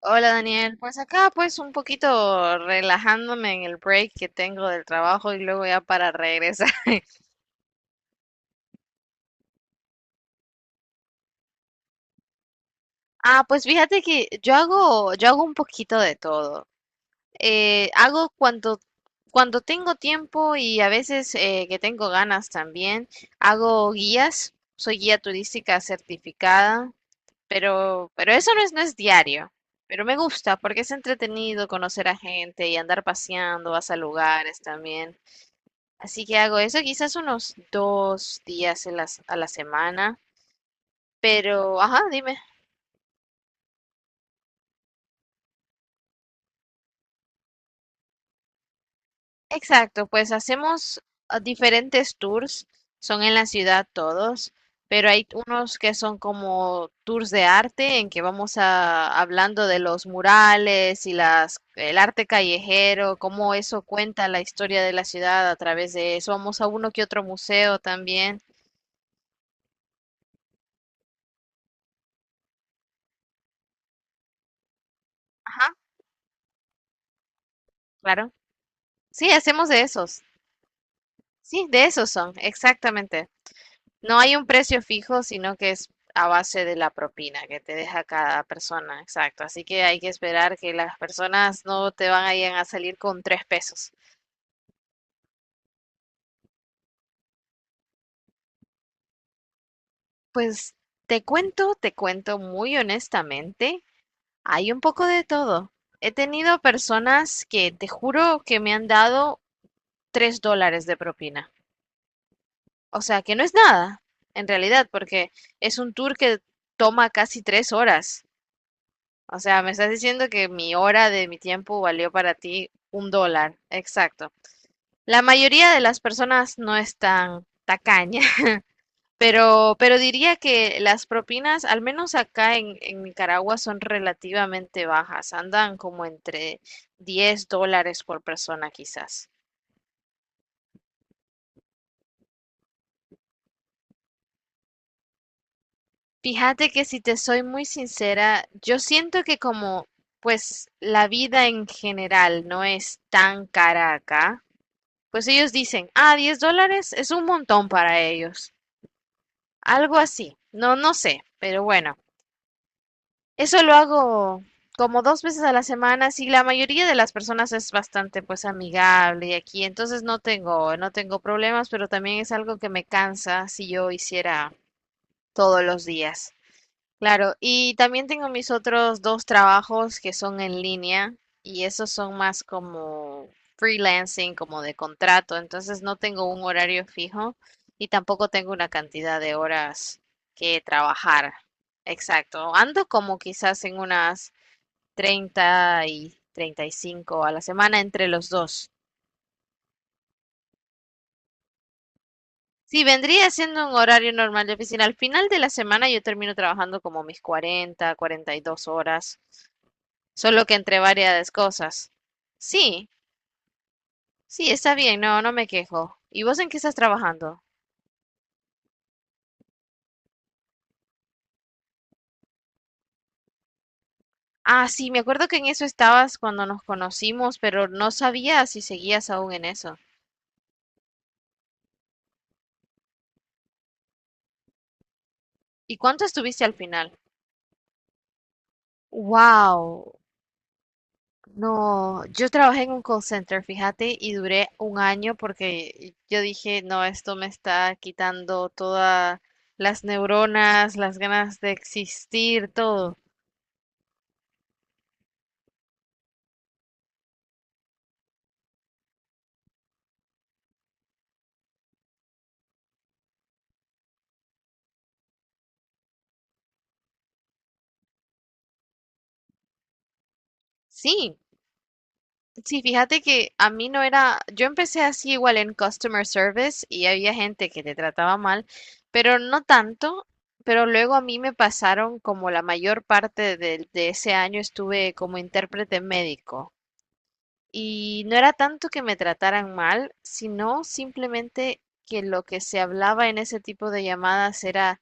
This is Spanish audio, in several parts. Hola Daniel, pues acá pues un poquito relajándome en el break que tengo del trabajo y luego ya para regresar. Ah, pues fíjate que yo hago un poquito de todo. Hago cuando tengo tiempo y a veces que tengo ganas también, hago guías, soy guía turística certificada, pero eso no es diario. Pero me gusta porque es entretenido conocer a gente y andar paseando, vas a lugares también. Así que hago eso quizás unos dos días en a la semana. Pero, ajá, dime. Exacto, pues hacemos diferentes tours. Son en la ciudad todos, pero hay unos que son como tours de arte en que vamos a, hablando de los murales y las, el arte callejero, cómo eso cuenta la historia de la ciudad a través de eso. Vamos a uno que otro museo también. Ajá, claro. Sí, hacemos de esos. Sí, de esos son, exactamente. No hay un precio fijo, sino que es a base de la propina que te deja cada persona, exacto. Así que hay que esperar que las personas no te van a ir a salir con tres pesos. Pues te cuento muy honestamente, hay un poco de todo. He tenido personas que te juro que me han dado $3 de propina. O sea, que no es nada, en realidad, porque es un tour que toma casi tres horas. O sea, me estás diciendo que mi hora de mi tiempo valió para ti un dólar. Exacto. La mayoría de las personas no están tacaña, pero diría que las propinas, al menos acá en Nicaragua, son relativamente bajas, andan como entre $10 por persona quizás. Fíjate que si te soy muy sincera, yo siento que como pues la vida en general no es tan cara acá, pues ellos dicen, ah, $10 es un montón para ellos. Algo así. No, no sé, pero bueno. Eso lo hago como dos veces a la semana. Si la mayoría de las personas es bastante pues amigable y aquí, entonces no tengo problemas, pero también es algo que me cansa si yo hiciera todos los días. Claro, y también tengo mis otros dos trabajos que son en línea y esos son más como freelancing, como de contrato, entonces no tengo un horario fijo y tampoco tengo una cantidad de horas que trabajar. Exacto, ando como quizás en unas 30 y 35 a la semana entre los dos. Sí, vendría siendo un horario normal de oficina. Al final de la semana yo termino trabajando como mis 40, 42 horas. Solo que entre varias cosas. Sí, sí, está bien, no, no me quejo. ¿Y vos en qué estás trabajando? Ah, sí, me acuerdo que en eso estabas cuando nos conocimos, pero no sabía si seguías aún en eso. ¿Y cuánto estuviste al final? Wow, no, yo trabajé en un call center, fíjate, y duré un año porque yo dije, no, esto me está quitando todas las neuronas, las ganas de existir, todo. Sí, sí, fíjate que a mí no era, yo empecé así igual en customer service y había gente que te trataba mal, pero no tanto, pero luego a mí me pasaron como la mayor parte de, ese año estuve como intérprete médico y no era tanto que me trataran mal, sino simplemente que lo que se hablaba en ese tipo de llamadas era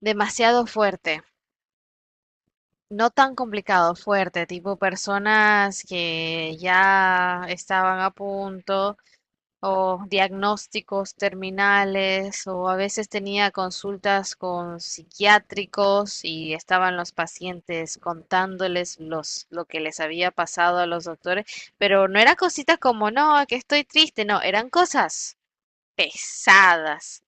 demasiado fuerte. No tan complicado, fuerte, tipo personas que ya estaban a punto o diagnósticos terminales, o a veces tenía consultas con psiquiátricos y estaban los pacientes contándoles los, lo que les había pasado a los doctores, pero no era cositas como, no, que estoy triste, no, eran cosas pesadas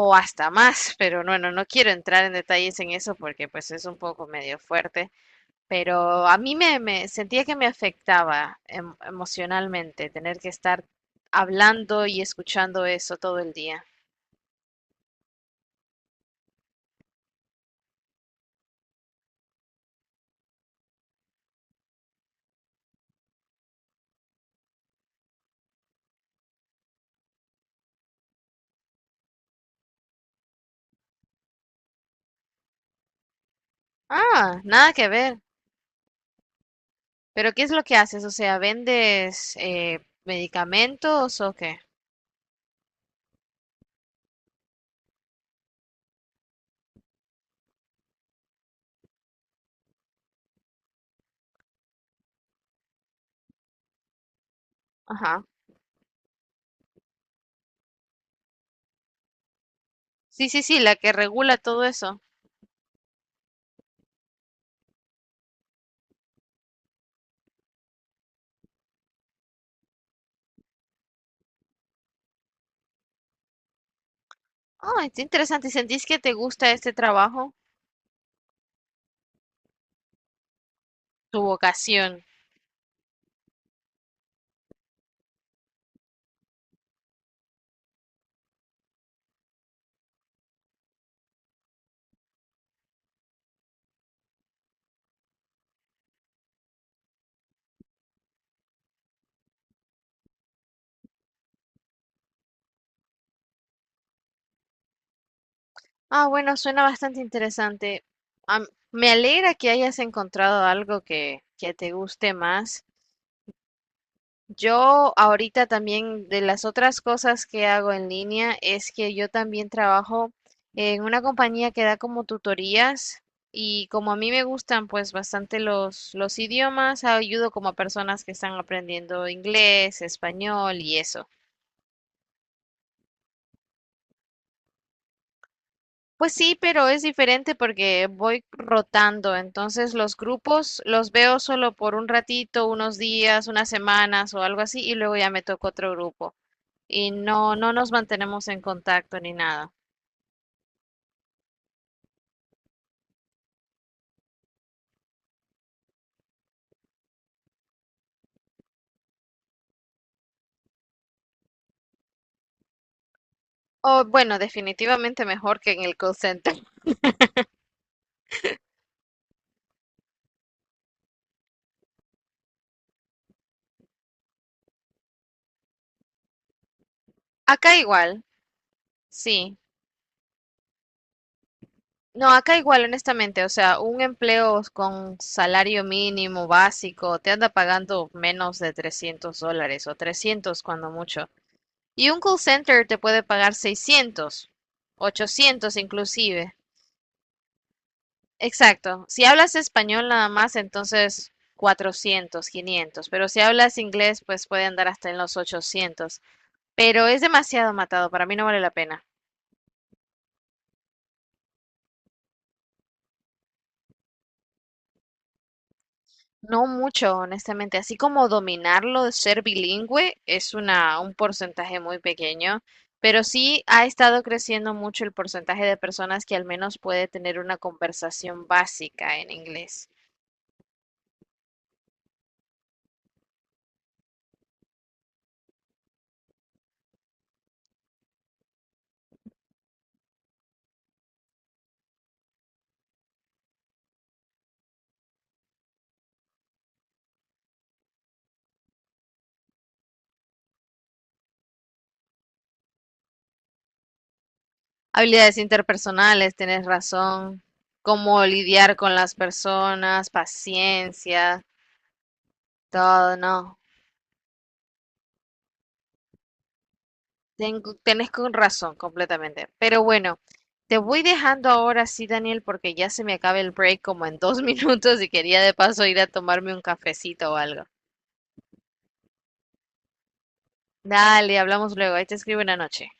o hasta más, pero bueno, no quiero entrar en detalles en eso porque pues es un poco medio fuerte. Pero a mí sentía que me afectaba emocionalmente tener que estar hablando y escuchando eso todo el día. Ah, nada que ver. Pero ¿qué es lo que haces? O sea, ¿vendes medicamentos o qué? Ajá. Sí, sí, sí, la que regula todo eso. Ah, está interesante. ¿Y ¿Sentís que te gusta este trabajo? Tu vocación. Ah, bueno, suena bastante interesante. Am- Me alegra que hayas encontrado algo que te guste más. Yo ahorita también de las otras cosas que hago en línea es que yo también trabajo en una compañía que da como tutorías y como a mí me gustan pues bastante los idiomas, ayudo como a personas que están aprendiendo inglés, español y eso. Pues sí, pero es diferente porque voy rotando, entonces los grupos los veo solo por un ratito, unos días, unas semanas o algo así y luego ya me toca otro grupo. Y no nos mantenemos en contacto ni nada. O bueno, definitivamente mejor que en el call center. Acá igual, sí. No, acá igual, honestamente, o sea, un empleo con salario mínimo básico te anda pagando menos de $300 o 300 cuando mucho. Y un call center te puede pagar 600 800 inclusive. Exacto. Si hablas español nada más, entonces 400, 500. Pero si hablas inglés, pues puede andar hasta en los 800. Pero es demasiado matado. Para mí no vale la pena. No mucho, honestamente. Así como dominarlo, ser bilingüe, un porcentaje muy pequeño. Pero sí ha estado creciendo mucho el porcentaje de personas que al menos puede tener una conversación básica en inglés. Habilidades interpersonales, tienes razón. Cómo lidiar con las personas, paciencia, todo, no. Tengo, tenés con razón completamente. Pero bueno, te voy dejando ahora sí, Daniel, porque ya se me acaba el break como en dos minutos y quería de paso ir a tomarme un cafecito o algo. Dale, hablamos luego. Ahí te escribo una noche.